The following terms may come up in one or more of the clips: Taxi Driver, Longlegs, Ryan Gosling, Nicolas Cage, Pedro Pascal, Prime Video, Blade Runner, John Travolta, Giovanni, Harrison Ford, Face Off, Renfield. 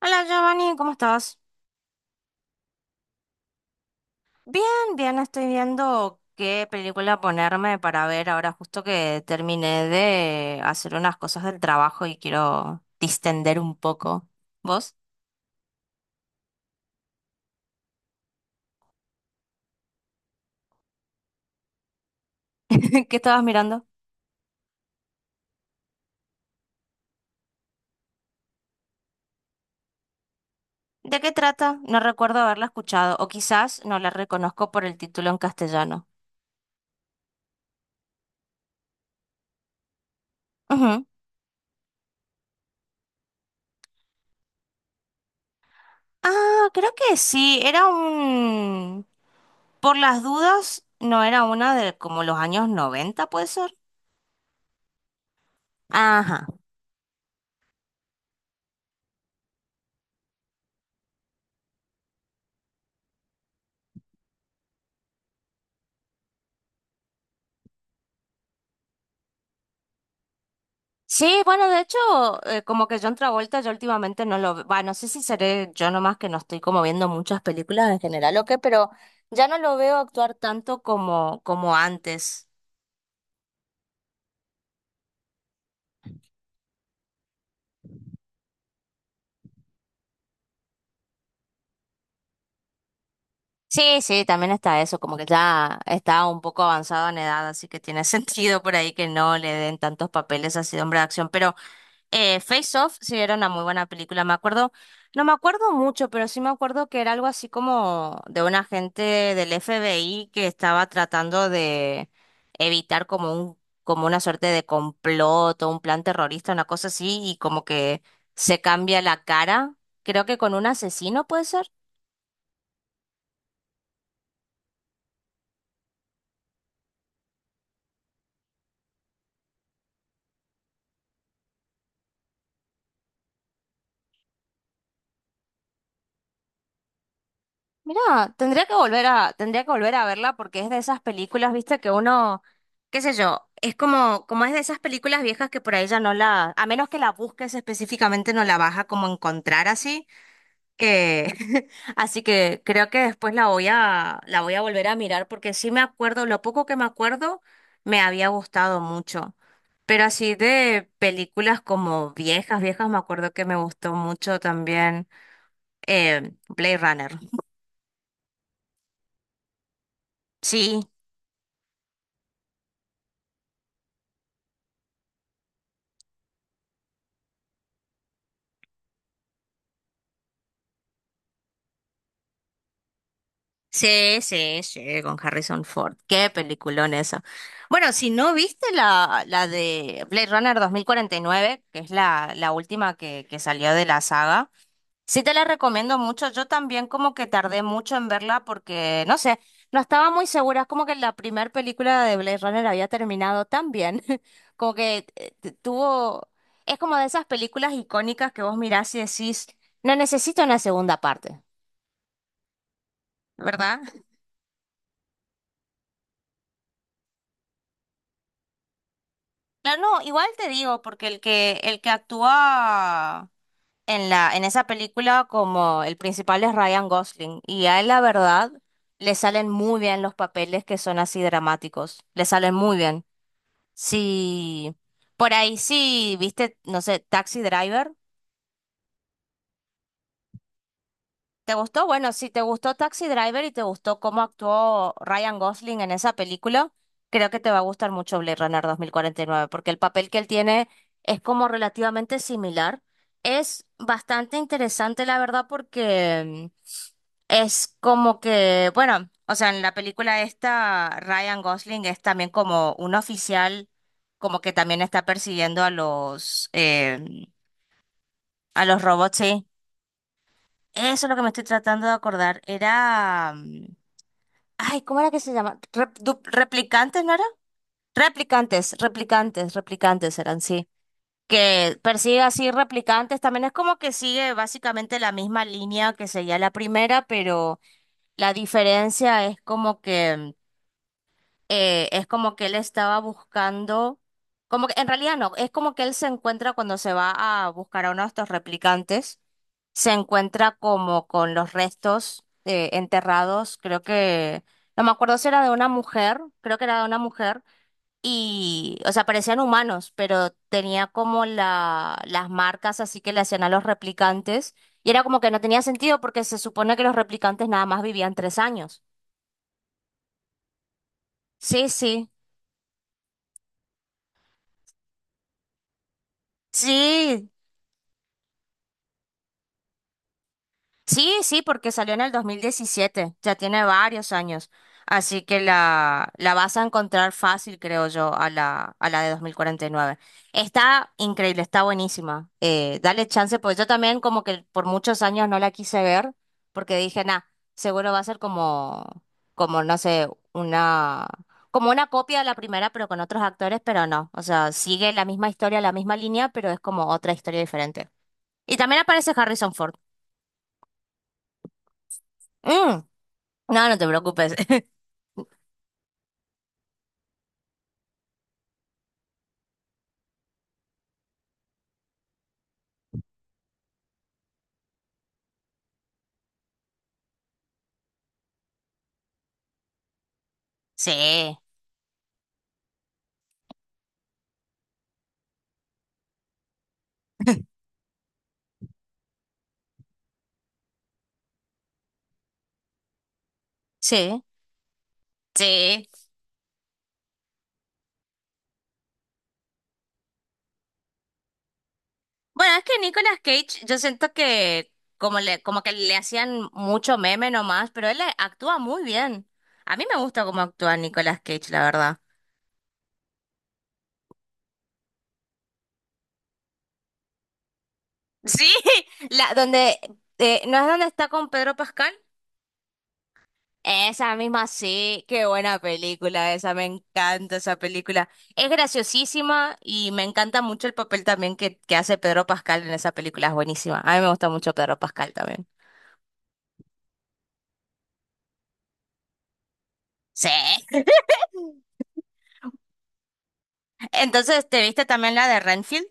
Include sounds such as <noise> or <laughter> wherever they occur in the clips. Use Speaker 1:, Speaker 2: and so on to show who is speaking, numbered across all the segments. Speaker 1: Hola Giovanni, ¿cómo estás? Bien, bien, estoy viendo qué película ponerme para ver ahora justo que terminé de hacer unas cosas del trabajo y quiero distender un poco. ¿Vos? <laughs> ¿Qué estabas mirando? ¿De qué trata? No recuerdo haberla escuchado o quizás no la reconozco por el título en castellano. Ujú. Ah, creo que sí, era un... Por las dudas, no era una de como los años 90, ¿puede ser? Ajá. Sí, bueno, de hecho, como que John Travolta yo últimamente no lo veo, no sé si seré yo nomás que no estoy como viendo muchas películas en general o qué, pero ya no lo veo actuar tanto como antes. Sí, sí, también está eso, como que ya está un poco avanzado en edad, así que tiene <laughs> sentido por ahí que no le den tantos papeles así de hombre de acción, pero Face Off sí era una muy buena película, me acuerdo, no me acuerdo mucho, pero sí me acuerdo que era algo así como de un agente del FBI que estaba tratando de evitar como una suerte de complot o un plan terrorista, una cosa así, y como que se cambia la cara, creo que con un asesino, ¿puede ser? Mira, tendría que volver a verla porque es de esas películas, viste, que uno, qué sé yo, es como, como es de esas películas viejas que por ahí ya no la, a menos que la busques específicamente, no la vas a como encontrar así. Eh, <laughs> así que creo que después la voy a volver a mirar porque sí me acuerdo, lo poco que me acuerdo me había gustado mucho. Pero así de películas como viejas, viejas, me acuerdo que me gustó mucho también Blade Runner. Sí. Sí, sí, sí, con Harrison Ford. Qué peliculón eso. Bueno, si no viste la de Blade Runner 2049, que es la última que salió de la saga, sí te la recomiendo mucho. Yo también como que tardé mucho en verla porque, no sé, no estaba muy segura. Es como que la primera película de Blade Runner había terminado tan bien. <laughs> Como que tuvo... Es como de esas películas icónicas que vos mirás y decís, no necesito una segunda parte, ¿verdad? Claro, no, igual te digo, porque el que actúa en esa película como el principal es Ryan Gosling, y a él la verdad le salen muy bien los papeles que son así dramáticos, le salen muy bien. Sí, por ahí sí, viste, no sé, Taxi Driver. ¿Te gustó? Bueno, si te gustó Taxi Driver y te gustó cómo actuó Ryan Gosling en esa película, creo que te va a gustar mucho Blade Runner 2049, porque el papel que él tiene es como relativamente similar. Es bastante interesante, la verdad, porque es como que, bueno, o sea, en la película esta, Ryan Gosling es también como un oficial, como que también está persiguiendo a a los robots, sí. Eso es lo que me estoy tratando de acordar. Ay, ¿cómo era que se llama? ¿Replicantes, no era? Replicantes, replicantes, replicantes eran, sí. Que persigue así replicantes, también es como que sigue básicamente la misma línea que seguía la primera, pero la diferencia es como que él estaba buscando, como que en realidad no, es como que él se encuentra cuando se va a buscar a uno de estos replicantes, se encuentra como con los restos enterrados, creo que, no me acuerdo si era de una mujer, creo que era de una mujer, y, o sea, parecían humanos, pero tenía como las marcas así que le hacían a los replicantes, y era como que no tenía sentido porque se supone que los replicantes nada más vivían 3 años. Sí, sí. Sí, sí, sí, porque salió en el 2017, ya tiene varios años, así que la vas a encontrar fácil, creo yo, a a la de 2049. Está increíble, está buenísima. Dale chance, pues yo también como que por muchos años no la quise ver, porque dije, nah, seguro va a ser como, como, no sé, una, como una copia de la primera, pero con otros actores, pero no, o sea, sigue la misma historia, la misma línea, pero es como otra historia diferente. Y también aparece Harrison Ford. Mm. No, no te preocupes. <laughs> Sí, sí, sí. Bueno, es que Nicolas Cage, yo siento que como le, como que le hacían mucho meme nomás, pero él actúa muy bien. A mí me gusta cómo actúa Nicolas Cage, la verdad. Sí, <laughs> la donde ¿no es donde está con Pedro Pascal? Esa misma sí, qué buena película esa, me encanta esa película. Es graciosísima y me encanta mucho el papel también que hace Pedro Pascal en esa película, es buenísima. A mí me gusta mucho Pedro Pascal también. Sí. Entonces, ¿te viste también la de Renfield?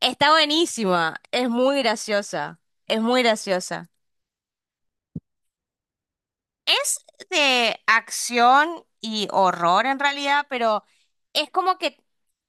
Speaker 1: Está buenísima, es muy graciosa, es muy graciosa. Es de acción y horror en realidad, pero es como que,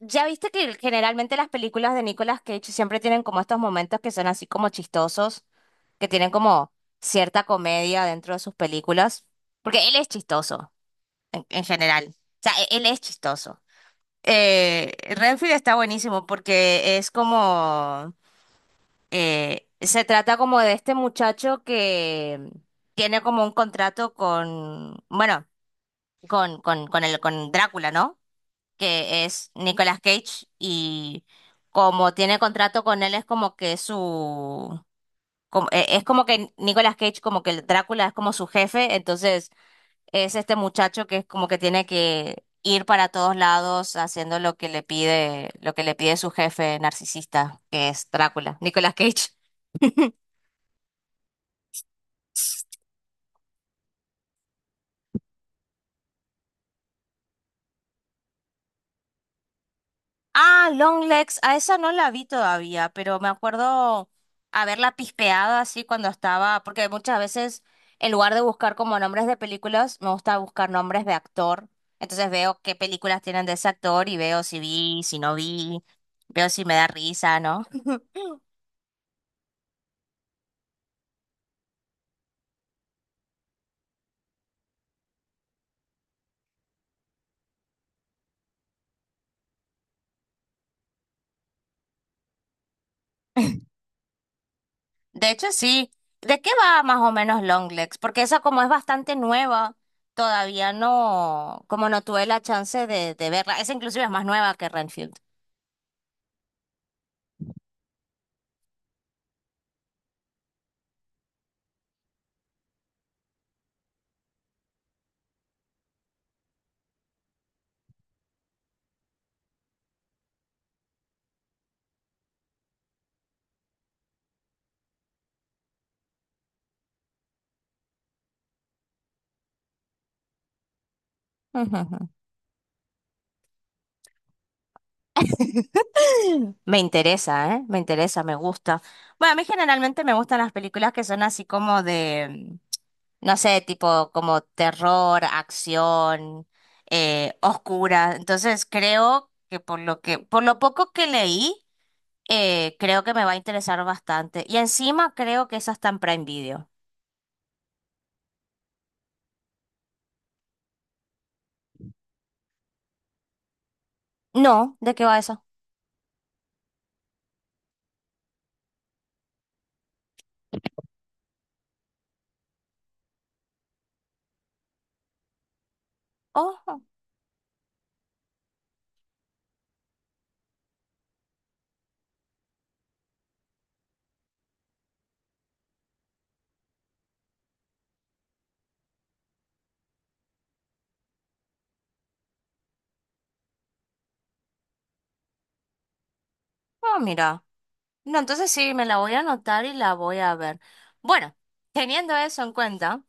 Speaker 1: ya viste que generalmente las películas de Nicolas Cage siempre tienen como estos momentos que son así como chistosos, que tienen como cierta comedia dentro de sus películas, porque él es chistoso en general, o sea, él es chistoso. Renfield está buenísimo porque es como, se trata como de este muchacho que tiene como un contrato con, bueno, con el, con Drácula, ¿no? Que es Nicolas Cage y como tiene contrato con él es como que su, es como que Nicolas Cage como que el Drácula es como su jefe, entonces es este muchacho que es como que tiene que ir para todos lados haciendo lo que le pide, lo que le pide su jefe narcisista, que es Drácula, Nicolas Cage. Ah, Longlegs, a esa no la vi todavía, pero me acuerdo haberla pispeado así cuando estaba, porque muchas veces en lugar de buscar como nombres de películas, me gusta buscar nombres de actor. Entonces veo qué películas tienen de ese actor y veo si vi, si no vi, veo si me da risa, ¿no? De hecho, sí. ¿De qué va más o menos Longlegs? Porque esa como es bastante nueva, todavía no, como no tuve la chance de verla. Esa inclusive es más nueva que Renfield. Me interesa, ¿eh? Me interesa, me gusta. Bueno, a mí generalmente me gustan las películas que son así como de, no sé, tipo como terror, acción, oscura. Entonces creo que, por lo poco que leí, creo que me va a interesar bastante. Y encima creo que esa está en Prime Video. No, ¿de qué va eso? Oh, oh, oh, mira. No, entonces sí, me la voy a anotar y la voy a ver. Bueno, teniendo eso en cuenta,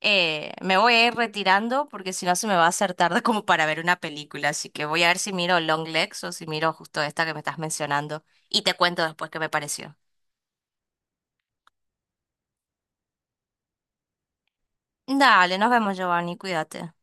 Speaker 1: me voy a ir retirando porque si no se me va a hacer tarde <laughs> como para ver una película. Así que voy a ver si miro Long Legs o si miro justo esta que me estás mencionando. Y te cuento después qué me pareció. Dale, nos vemos, Giovanni, cuídate.